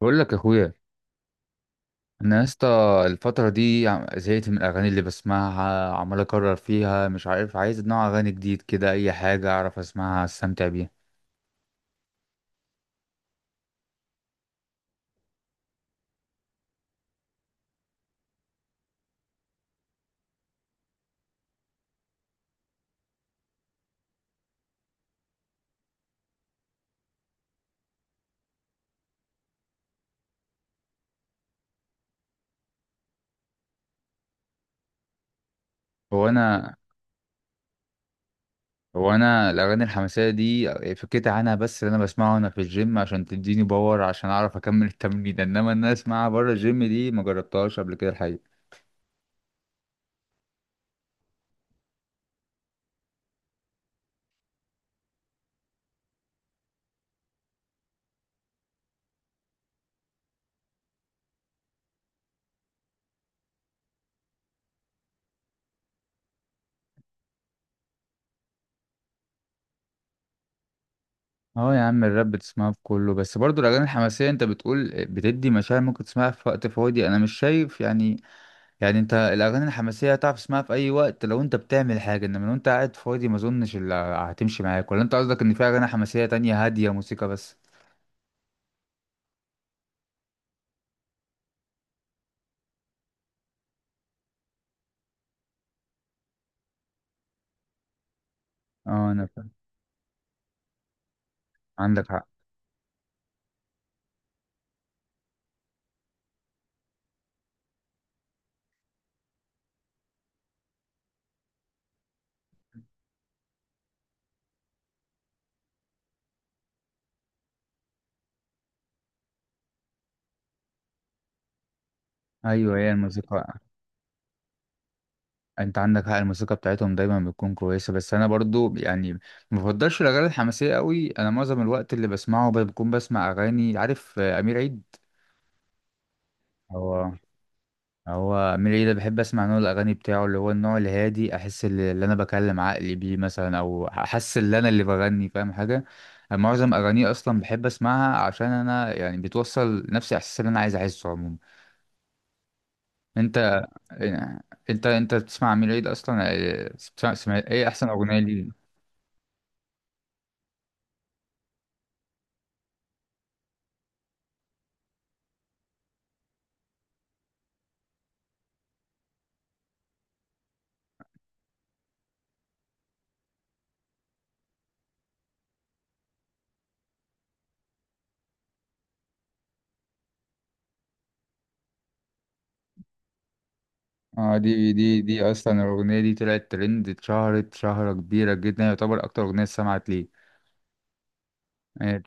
بقول لك يا اخويا، انا يا اسطى الفتره دي زهقت من الاغاني اللي بسمعها، عمال اكرر فيها، مش عارف، عايز نوع اغاني جديد كده، اي حاجه اعرف اسمعها استمتع بيها. هو انا هو انا الاغاني الحماسيه دي فكيت عنها، بس اللي انا بسمعه انا في الجيم عشان تديني باور عشان اعرف اكمل التمرين، انما ان انا اسمعها بره الجيم دي ما جربتهاش قبل كده الحقيقه. اه يا عم الراب بتسمعها في كله، بس برضو الاغاني الحماسيه انت بتقول بتدي مشاعر، ممكن تسمعها في وقت فاضي، انا مش شايف يعني. يعني انت الاغاني الحماسيه هتعرف تسمعها في اي وقت لو انت بتعمل حاجه، انما لو انت قاعد فاضي ما اظنش اللي هتمشي معاك، ولا انت قصدك ان في اغاني حماسيه تانية هاديه موسيقى بس؟ اه انا فاهم. عندك حق. ايوه هي الموسيقى، انت عندك حق، الموسيقى بتاعتهم دايما بتكون كويسه، بس انا برضو يعني ما بفضلش الاغاني الحماسيه قوي. انا معظم الوقت اللي بسمعه بكون بسمع اغاني، عارف امير عيد. هو. هو ميلي ده بحب اسمع نوع الاغاني بتاعه، اللي هو النوع الهادي، احس اللي انا بكلم عقلي بيه مثلا، او احس ان انا اللي بغني، فاهم حاجه؟ معظم اغانيه اصلا بحب اسمعها عشان انا يعني بتوصل نفس الاحساس اللي انا عايز احسه عموما. انت، يعني، انت بتسمع ميلي ده اصلا بتسمع ايه احسن اغنيه ليه؟ اه دي اصلا الاغنيه دي طلعت ترند، اتشهرت شهره كبيره جدا، يعتبر اكتر اغنيه سمعت ليه. إيه،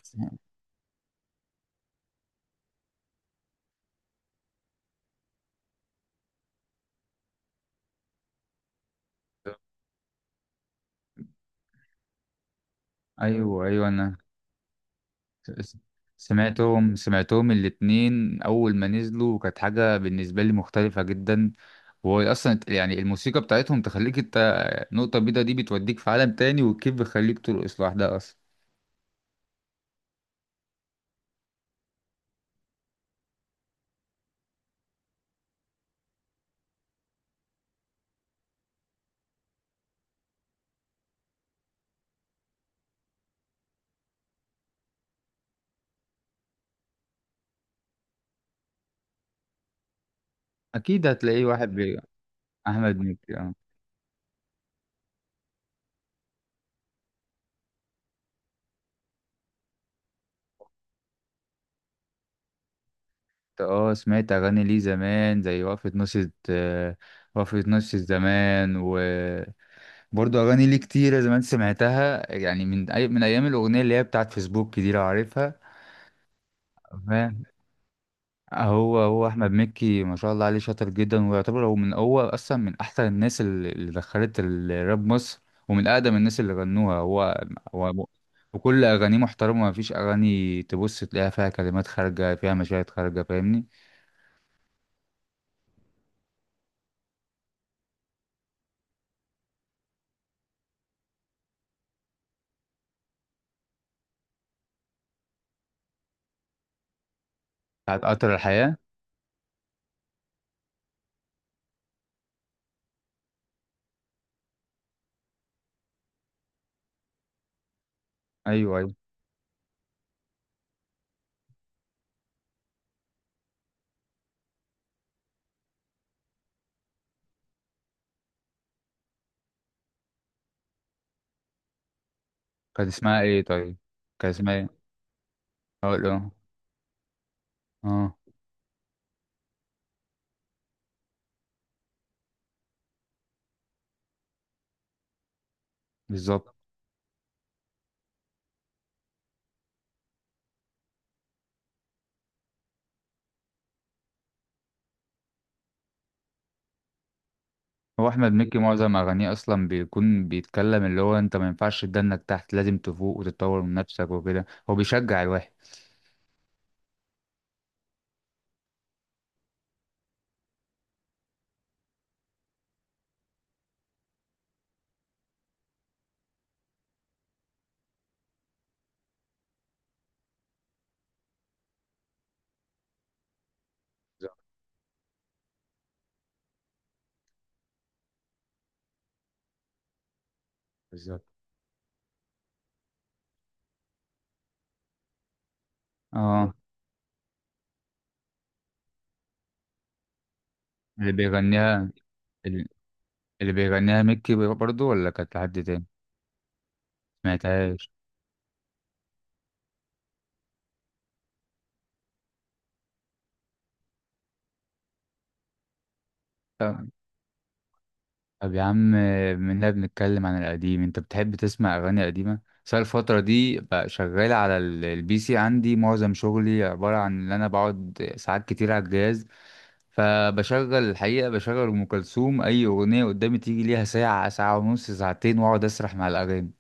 ايوه ايوه انا س- سمعتهم، سمعتهم الاتنين أول ما نزلوا، وكانت حاجة بالنسبة لي مختلفة جدا. وهو أصلا يعني الموسيقى بتاعتهم تخليك أنت، نقطة بيضة دي بتوديك في عالم تاني، والكيف بيخليك ترقص لوحدها أصلا. أكيد هتلاقيه واحد بي... أحمد مكي أه. أنت أه، سمعت أغاني ليه زمان زي وقفة نص، آه، وقفة نص الزمان وبرضه أغاني ليه كتيرة زمان سمعتها، يعني من أي... من أيام الأغنية اللي هي بتاعت فيسبوك دي لو عارفها. هو احمد مكي ما شاء الله عليه شاطر جدا، ويعتبر هو من، هو اصلا من احسن الناس اللي دخلت الراب مصر، ومن اقدم الناس اللي غنوها هو. هو، وكل اغانيه محترمه، ما فيش اغاني تبص تلاقيها فيها كلمات خارجه فيها مشاهد خارجه، فاهمني؟ بتاعت قطر الحياه. ايوه ايوه. كان اسمها ايه طيب؟ كان اسمها ايه؟ هقول اه. اه بالظبط. هو احمد مكي معظم اغانيه اصلا بيكون بيتكلم، اللي هو انت ما ينفعش تدنك تحت، لازم تفوق وتتطور من نفسك وكده، هو بيشجع الواحد. بالظبط. اه اللي بيغنيها، اللي بيغنيها ميكي برضو ولا كانت حد تاني؟ سمعتهاش. طب، طب يا عم، منها بنتكلم عن القديم، انت بتحب تسمع اغاني قديمة؟ بس أنا الفترة دي بقى شغال على البي سي، عندي معظم شغلي عبارة عن ان انا بقعد ساعات كتير على الجهاز، فبشغل الحقيقة بشغل ام كلثوم، اي اغنية قدامي تيجي ليها ساعة، ساعة ونص، ساعتين، واقعد اسرح مع الاغاني.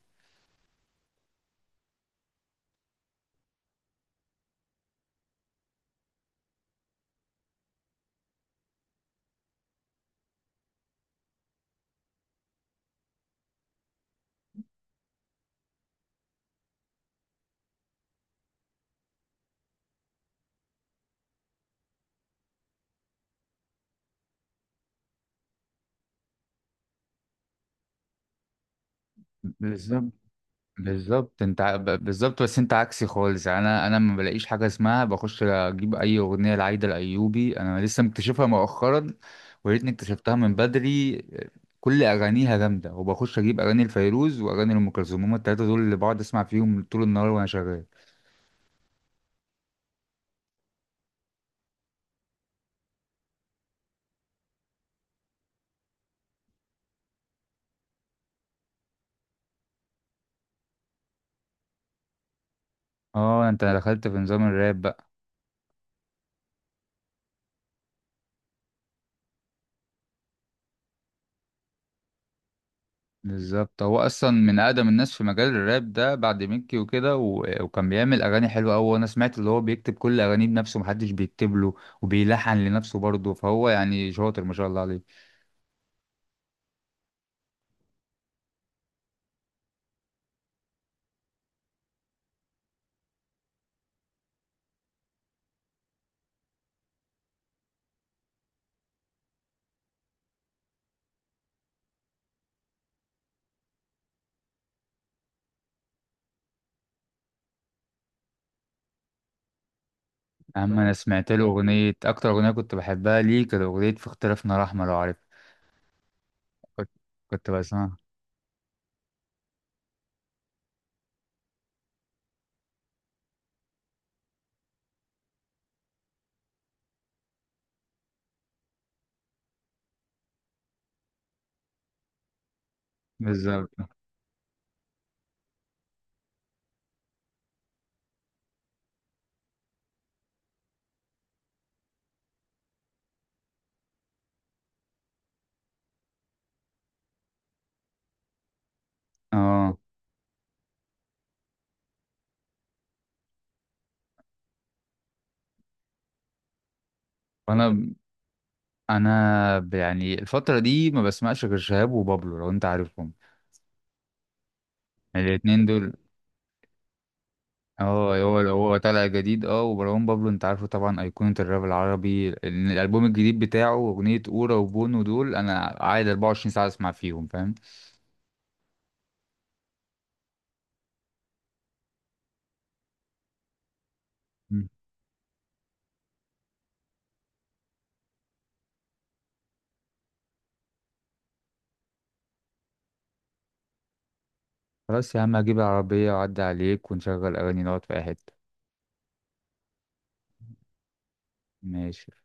بالظبط، بالظبط انت بالظبط، بس انت عكسي خالص يعني، انا ما بلاقيش حاجه اسمها، بخش اجيب اي اغنيه لعايده الايوبي، انا لسه مكتشفها مؤخرا، ويا ريتني اكتشفتها من بدري. كل اغانيها جامده، وبخش اجيب اغاني الفيروز واغاني ام كلثوم، هما التلاته دول اللي بقعد اسمع فيهم طول النهار وانا شغال. اه انت دخلت في نظام الراب. بالظبط، هو اصلا من اقدم الناس في مجال الراب ده بعد ميكي وكده و... وكان بيعمل اغاني حلوه قوي، وانا سمعت اللي هو بيكتب كل اغانيه بنفسه، محدش بيكتب له، وبيلحن لنفسه برضه، فهو يعني شاطر ما شاء الله عليه. اما انا اه سمعت له اغنيه، اكتر اغنيه كنت بحبها ليه كانت اغنيه في اختلافنا رحمه لو عارف. كنت، كنت بسمعها. بالظبط. اه انا انا ب- يعني الفتره دي ما بسمعش غير شهاب وبابلو لو انت عارفهم، الاتنين دول. اه هو طالع جديد اه، ومروان بابلو انت عارفه طبعا، ايقونة الراب العربي، الالبوم الجديد بتاعه اغنية اورا وبونو، دول انا قاعد 24 ساعة اسمع فيهم فاهم. مم. خلاص يا عم هجيب العربية واعدي عليك، ونشغل اغاني نقعد في اي حتة. ماشي.